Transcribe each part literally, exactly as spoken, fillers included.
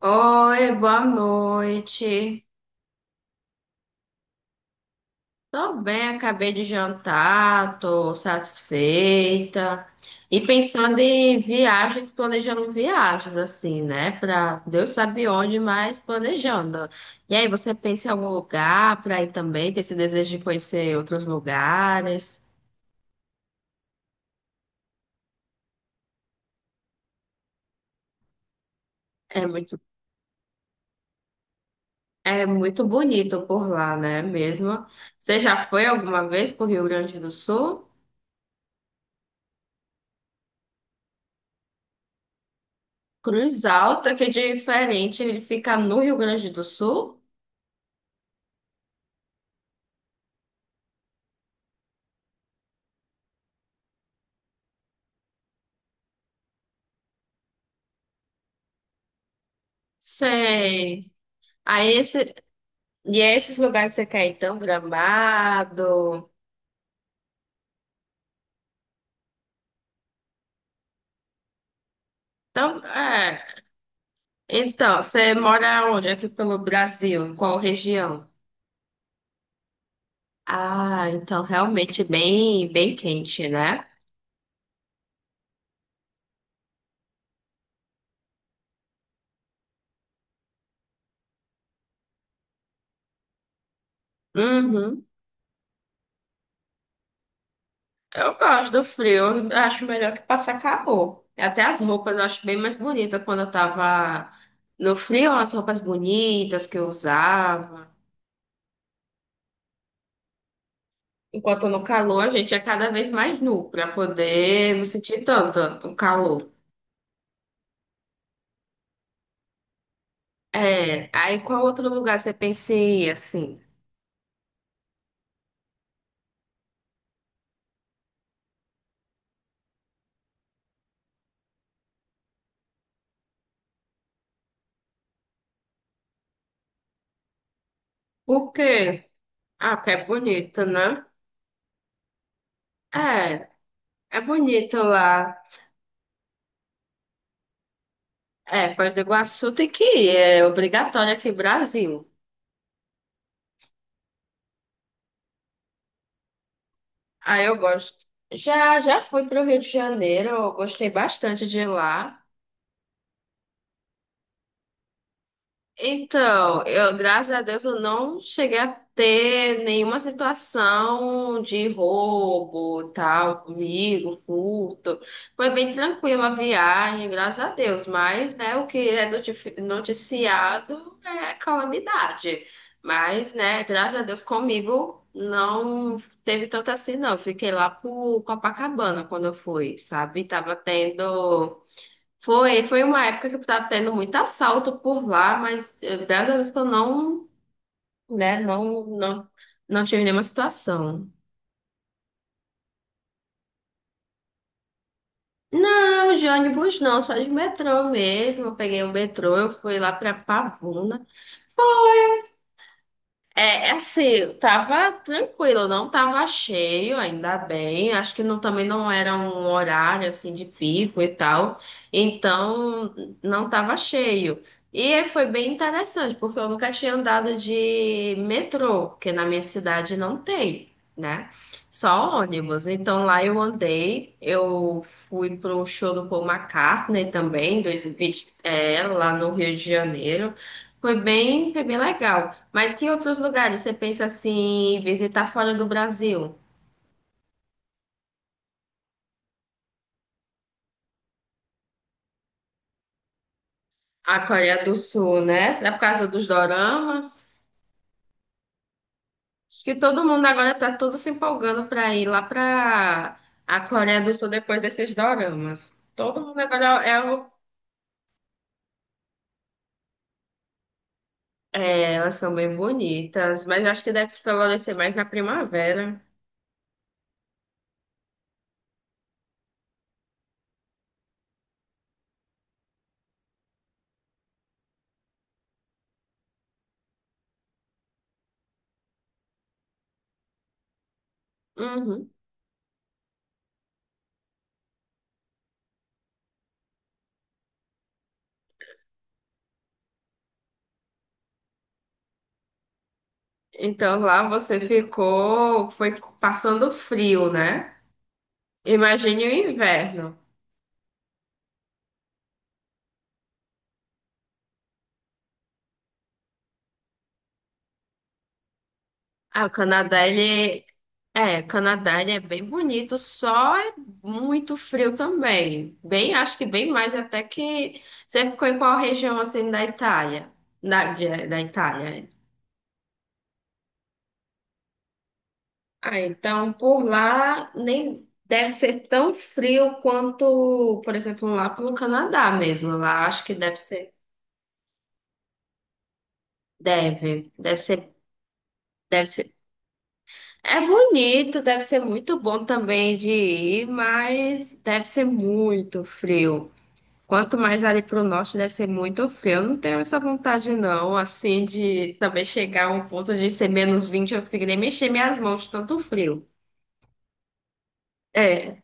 Oi, boa noite. Tô bem, acabei de jantar, tô satisfeita. E pensando em viagens, planejando viagens, assim, né? Pra Deus sabe onde, mas planejando. E aí, você pensa em algum lugar pra ir também? Tem esse desejo de conhecer outros lugares? É muito, é muito bonito por lá, né? Mesmo. Você já foi alguma vez pro Rio Grande do Sul? Cruz Alta, que é diferente, ele fica no Rio Grande do Sul? Sei. Aí esse, e é esses lugares que você quer, então, Gramado. Então, é. Então, você mora onde? Aqui pelo Brasil, em qual região? Ah, então realmente bem, bem quente, né? Uhum. Eu gosto do frio, eu acho melhor que passar calor. Até as roupas eu acho bem mais bonita quando eu tava no frio, as roupas bonitas que eu usava. Enquanto no calor, a gente é cada vez mais nu para poder não sentir tanto o calor. É, aí qual outro lugar você pensa em ir, assim? Por quê? Ah, porque é bonito, né? É, é bonito lá. É, Foz do Iguaçu tem que ir, é obrigatório aqui no Brasil. Ah, eu gosto. Já, já fui para o Rio de Janeiro, eu gostei bastante de lá. Então, eu, graças a Deus, eu não cheguei a ter nenhuma situação de roubo, tal, comigo, furto. Foi bem tranquila a viagem, graças a Deus. Mas, né, o que é notifi- noticiado é calamidade. Mas, né, graças a Deus, comigo não teve tanto assim, não. Eu fiquei lá pro Copacabana quando eu fui, sabe? Tava tendo. Foi, foi uma época que eu tava tendo muito assalto por lá, mas eh, graças a Deus que eu não, né, não, não, não tive nenhuma situação. Não, de ônibus não, só de metrô mesmo. Eu peguei um metrô, eu fui lá pra Pavuna. É, é assim, tava tranquilo, não tava cheio, ainda bem. Acho que não, também não era um horário assim de pico e tal. Então, não tava cheio. E foi bem interessante, porque eu nunca tinha andado de metrô, porque na minha cidade não tem, né? Só ônibus. Então lá eu andei, eu fui pro show do Paul McCartney também, dois mil e vinte, é, lá no Rio de Janeiro. Foi bem, foi bem legal. Mas que outros lugares você pensa assim, em visitar fora do Brasil? A Coreia do Sul, né? Será por causa dos doramas? Acho que todo mundo agora tá todo se empolgando para ir lá para a Coreia do Sul depois desses doramas. Todo mundo agora é, o- É, elas são bem bonitas, mas acho que deve florescer mais na primavera. Uhum. Então lá você ficou, foi passando frio, né? Imagine o inverno. Ah, o Canadá, ele, é, Canadá ele é bem bonito, só é muito frio também. Bem, acho que bem mais até que você ficou em qual região assim da Itália? Da, de- da Itália. É. Ah, então por lá nem deve ser tão frio quanto, por exemplo, lá pelo Canadá mesmo. Lá acho que deve ser, deve, deve ser, deve ser. É bonito, deve ser muito bom também de ir, mas deve ser muito frio. Quanto mais ali para o norte deve ser muito frio. Eu não tenho essa vontade, não, assim, de também chegar a um ponto de ser menos vinte eu conseguir nem mexer minhas mãos, de tanto frio. É,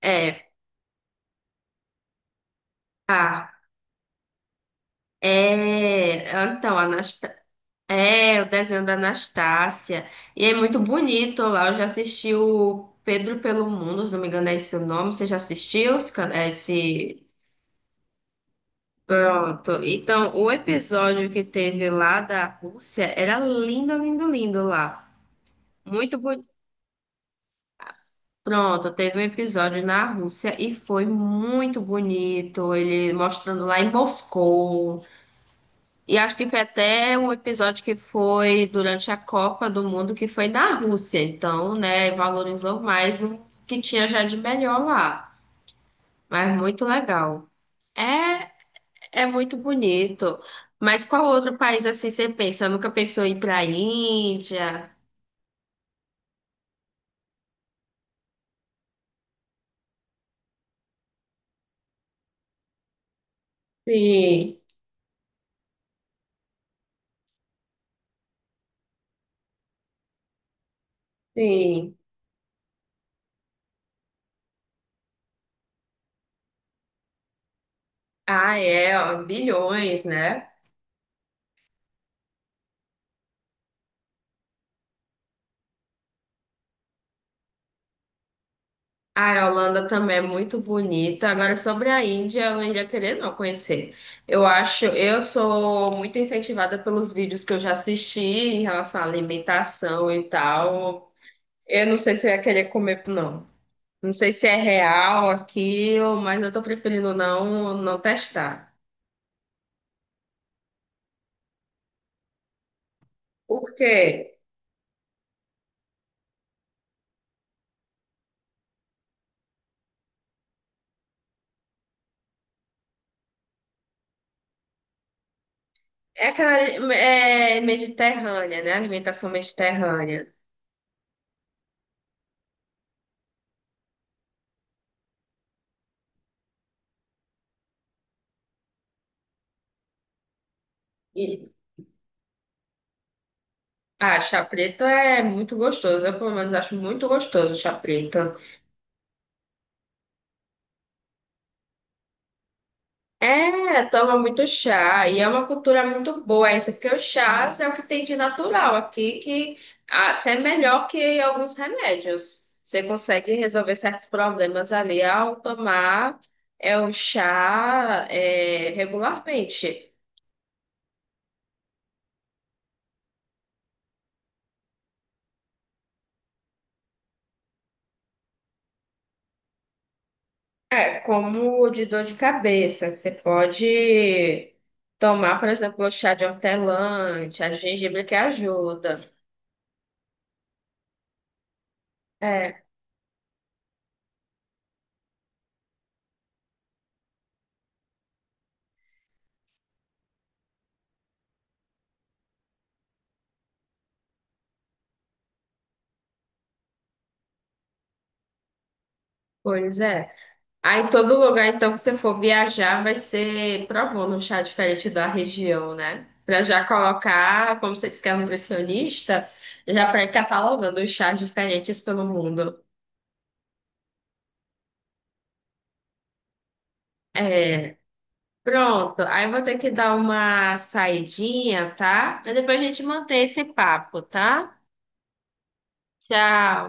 é, ah, é. Então, Anasta... é o desenho da Anastácia. E é muito bonito lá. Eu já assisti o Pedro pelo Mundo, se não me engano, é esse o nome. Você já assistiu esse. can- esse- Pronto. Então, o episódio que teve lá da Rússia era lindo, lindo, lindo lá. Muito bonito. Pronto, teve um episódio na Rússia e foi muito bonito. Ele mostrando lá em Moscou. E acho que foi até um episódio que foi durante a Copa do Mundo, que foi na Rússia. Então, né, valorizou mais o que tinha já de melhor lá. Mas muito legal. É, é muito bonito. Mas qual outro país assim você pensa? Nunca pensou em ir para a Índia? Sim, sim. Ah, é, ó, bilhões, né? Ah, a Holanda também é muito bonita. Agora, sobre a Índia, eu não iria querer não conhecer. Eu acho, eu sou muito incentivada pelos vídeos que eu já assisti em relação à alimentação e tal. Eu não sei se eu ia querer comer, não. Não sei se é real aquilo, mas eu tô preferindo não, não testar. Por quê? É aquela é mediterrânea, né? Alimentação mediterrânea. E, ah, chá preto é muito gostoso. Eu, pelo menos, acho muito gostoso chá preto. É, toma muito chá e é uma cultura muito boa essa, porque o chá é o que tem de natural aqui, que até melhor que alguns remédios. Você consegue resolver certos problemas ali ao tomar é o chá é, regularmente. É, como de dor de cabeça, que você pode tomar, por exemplo, o chá de hortelã, chá de gengibre que ajuda. É, pois é. Aí todo lugar, então, que você for viajar vai ser provando um chá diferente da região, né? Pra já colocar, como você disse que é nutricionista, já para ir catalogando os chás diferentes pelo mundo. É, pronto. Aí eu vou ter que dar uma saidinha, tá? Mas depois a gente mantém esse papo, tá? Tchau.